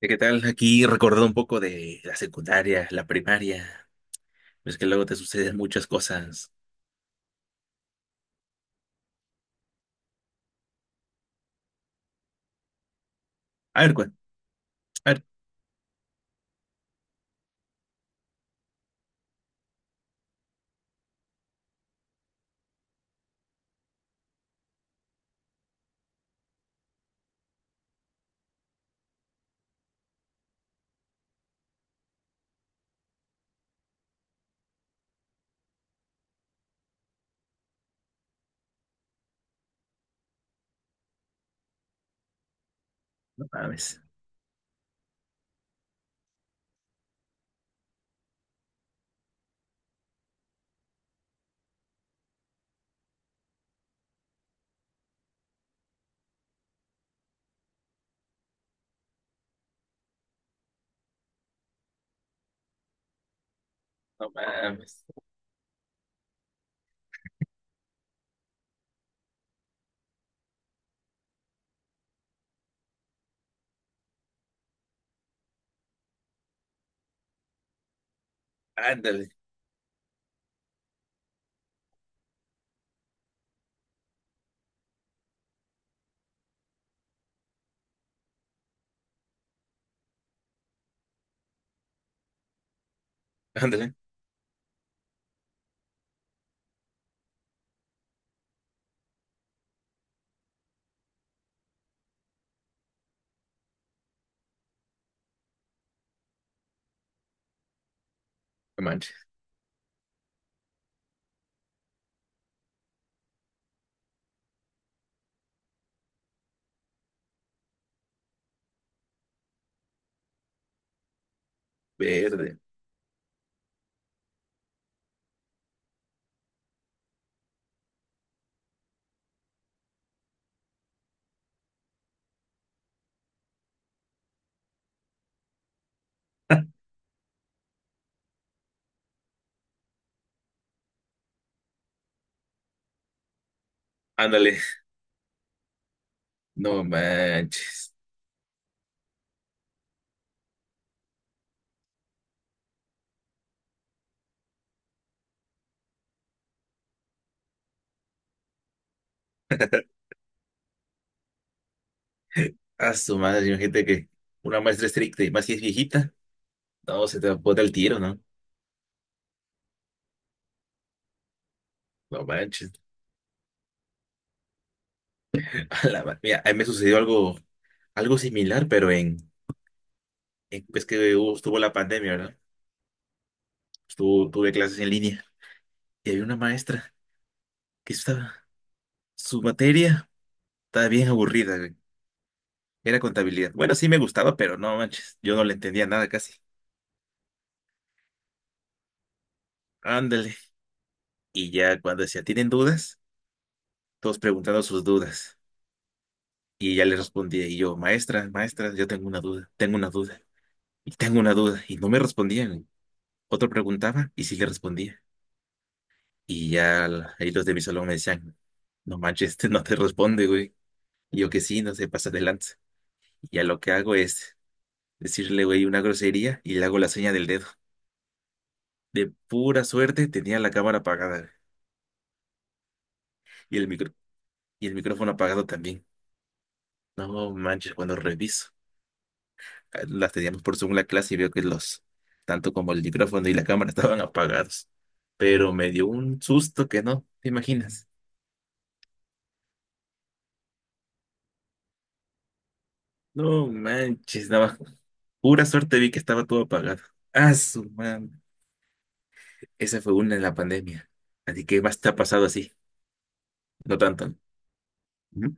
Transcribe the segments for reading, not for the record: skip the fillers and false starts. ¿Qué tal? Aquí recordando un poco de la secundaria, la primaria. Es que luego te suceden muchas cosas. A ver, cuál. A ver, no mames. No mames. Ándale, ándale. No manches. Verde. Ándale. No manches. A su madre, imagínate que una maestra estricta y más si es viejita. No, se te bota el tiro, ¿no? No manches. Mira, a mí me sucedió algo, algo similar, pero en pues que hubo- estuvo la pandemia, ¿verdad? Estuvo, tuve clases en línea y había una maestra que estaba. Su materia estaba bien aburrida, güey. Era contabilidad. Bueno, sí me gustaba, pero no manches, yo no le entendía nada casi. Ándale. Y ya cuando decía, ¿tienen dudas? Todos preguntando sus dudas. Y ya le respondía, y yo, maestra, maestra, yo tengo una duda, y tengo una duda. Y no me respondían, güey. Otro preguntaba y sí le respondía. Y ya ahí los de mi salón me decían, no manches, este no te responde, güey. Y yo que sí, no se pasa adelante. Y ya lo que hago es decirle, güey, una grosería y le hago la seña del dedo. De pura suerte tenía la cámara apagada y el micro y el micrófono apagado también. No manches, cuando reviso las teníamos por Zoom la clase y veo que los, tanto como el micrófono y la cámara estaban apagados. Pero me dio un susto que no, ¿te imaginas? No manches, nada más. Pura suerte vi que estaba todo apagado. Ah, su man. Esa fue una en la pandemia. Así que más te ha pasado así. No tanto, ¿no? Ujú,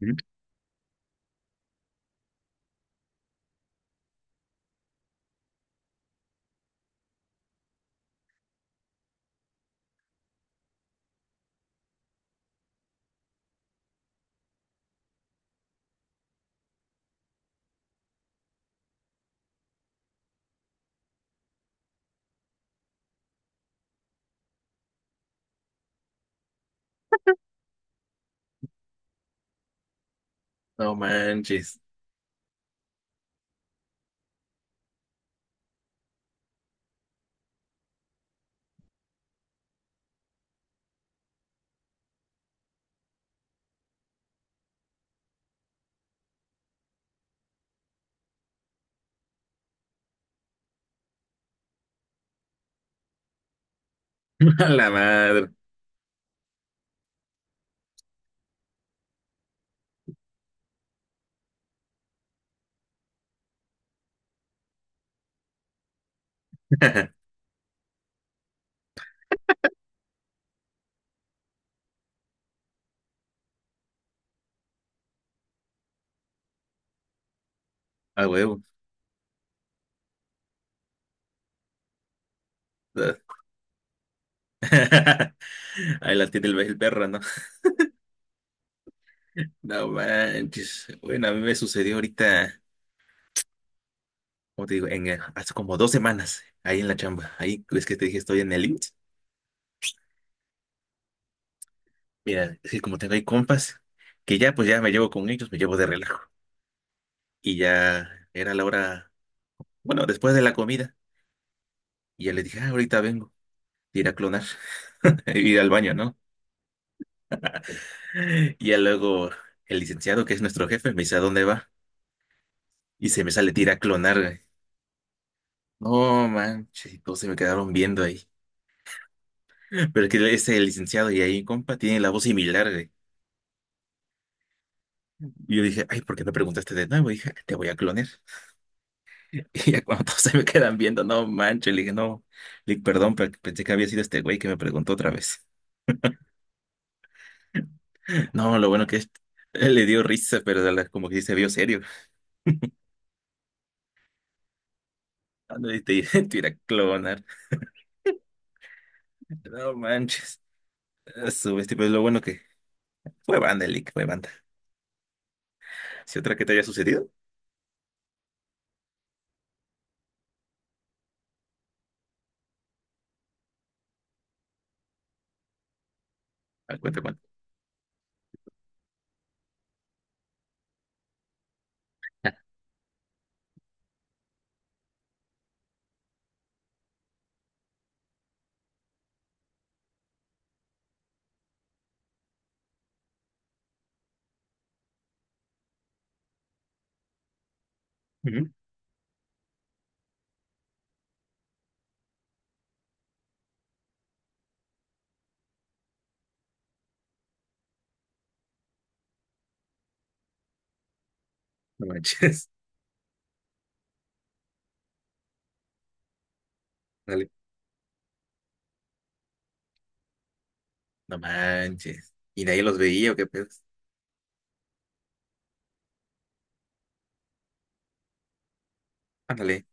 ujú. No manches. A la madre. A huevo. Ahí la tiene el perro, ¿no? No manches. Bueno, a mí me sucedió ahorita, como te digo, en, hace como dos semanas, ahí en la chamba. Ahí es que te dije, estoy en el IMSS. Mira, es que como tengo ahí compas, que ya pues ya me llevo con ellos, me llevo de relajo. Y ya era la hora, bueno, después de la comida. Y ya les dije, ah, ahorita vengo, ir a clonar, ir al baño, ¿no? Y ya luego el licenciado, que es nuestro jefe, me dice, ¿a dónde va? Y se me sale tira a clonar. No manches, y todos se me quedaron viendo ahí. Pero es que ese licenciado y ahí, compa, tiene la voz similar, güey. Y yo dije, ay, ¿por qué no preguntaste de nuevo? Y dije, te voy a clonar. Y ya cuando todos se me quedan viendo, no manches, le dije, no, le dije, perdón, pensé que había sido este güey que me preguntó otra vez. No, lo bueno que es, él le dio risa, pero a como que sí se vio serio. Ah, no, y te, te iba a clonar. No manches, a su bestia, pero lo bueno que fue banda, Lick, fue banda. Si otra que te haya sucedido, ah, cuenta, cuenta. Ujú. No manches. Dale. No manches. Y nadie los veía, ¿o qué pedo? Ándale,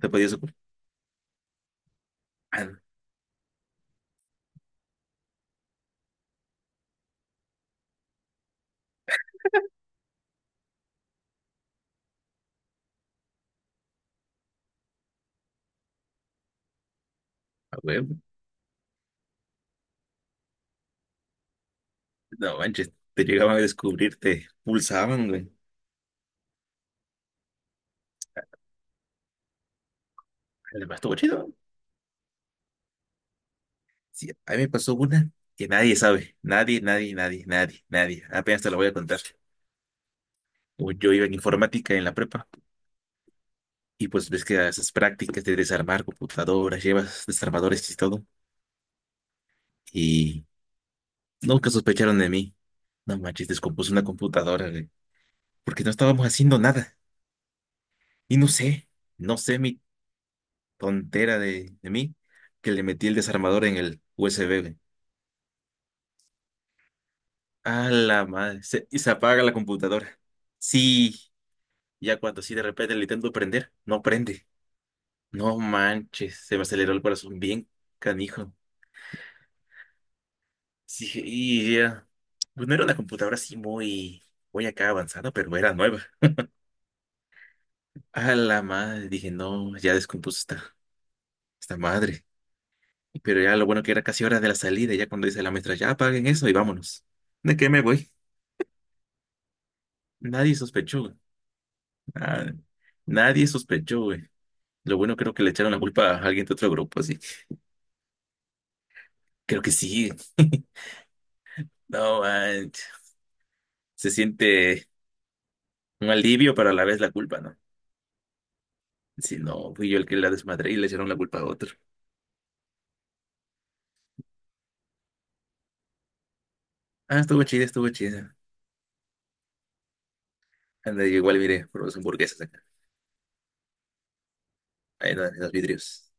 te podías ocupar. Ah, a huevo. No manches, te llegaban a descubrir, te pulsaban, güey. Además, estuvo chido. Sí, a mí me pasó una que nadie sabe. Nadie, nadie, nadie, nadie, nadie. Apenas te la voy a contar. Pues yo iba en informática en la prepa y pues ves que esas prácticas de desarmar computadoras, llevas desarmadores y todo. Y nunca sospecharon de mí. No manches, descompuse una computadora, güey, porque no estábamos haciendo nada. Y no sé, no sé, mi tontera de mí que le metí el desarmador en el USB, güey. A la madre. Y se apaga la computadora. Sí, ya cuando sí de repente le intento prender, no prende. No manches, se me aceleró el corazón bien canijo. Sí, dije, y ya. Pues no era una computadora así muy, muy acá avanzada, pero era nueva. A la madre, dije, no, ya descompuso esta, esta madre. Pero ya lo bueno que era casi hora de la salida, ya cuando dice la maestra, ya apaguen eso y vámonos. ¿De qué me voy? Nadie sospechó. Ah, nadie sospechó, güey. Lo bueno creo que le echaron la culpa a alguien de otro grupo, así. Creo que sí. No, manches. Se siente un alivio, pero a la vez la culpa, ¿no? Si no, fui yo el que la desmadré y le echaron la culpa a otro. Ah, estuvo chida, estuvo chida. Anda, yo igual miré por los hamburguesas acá. Ahí en los vidrios.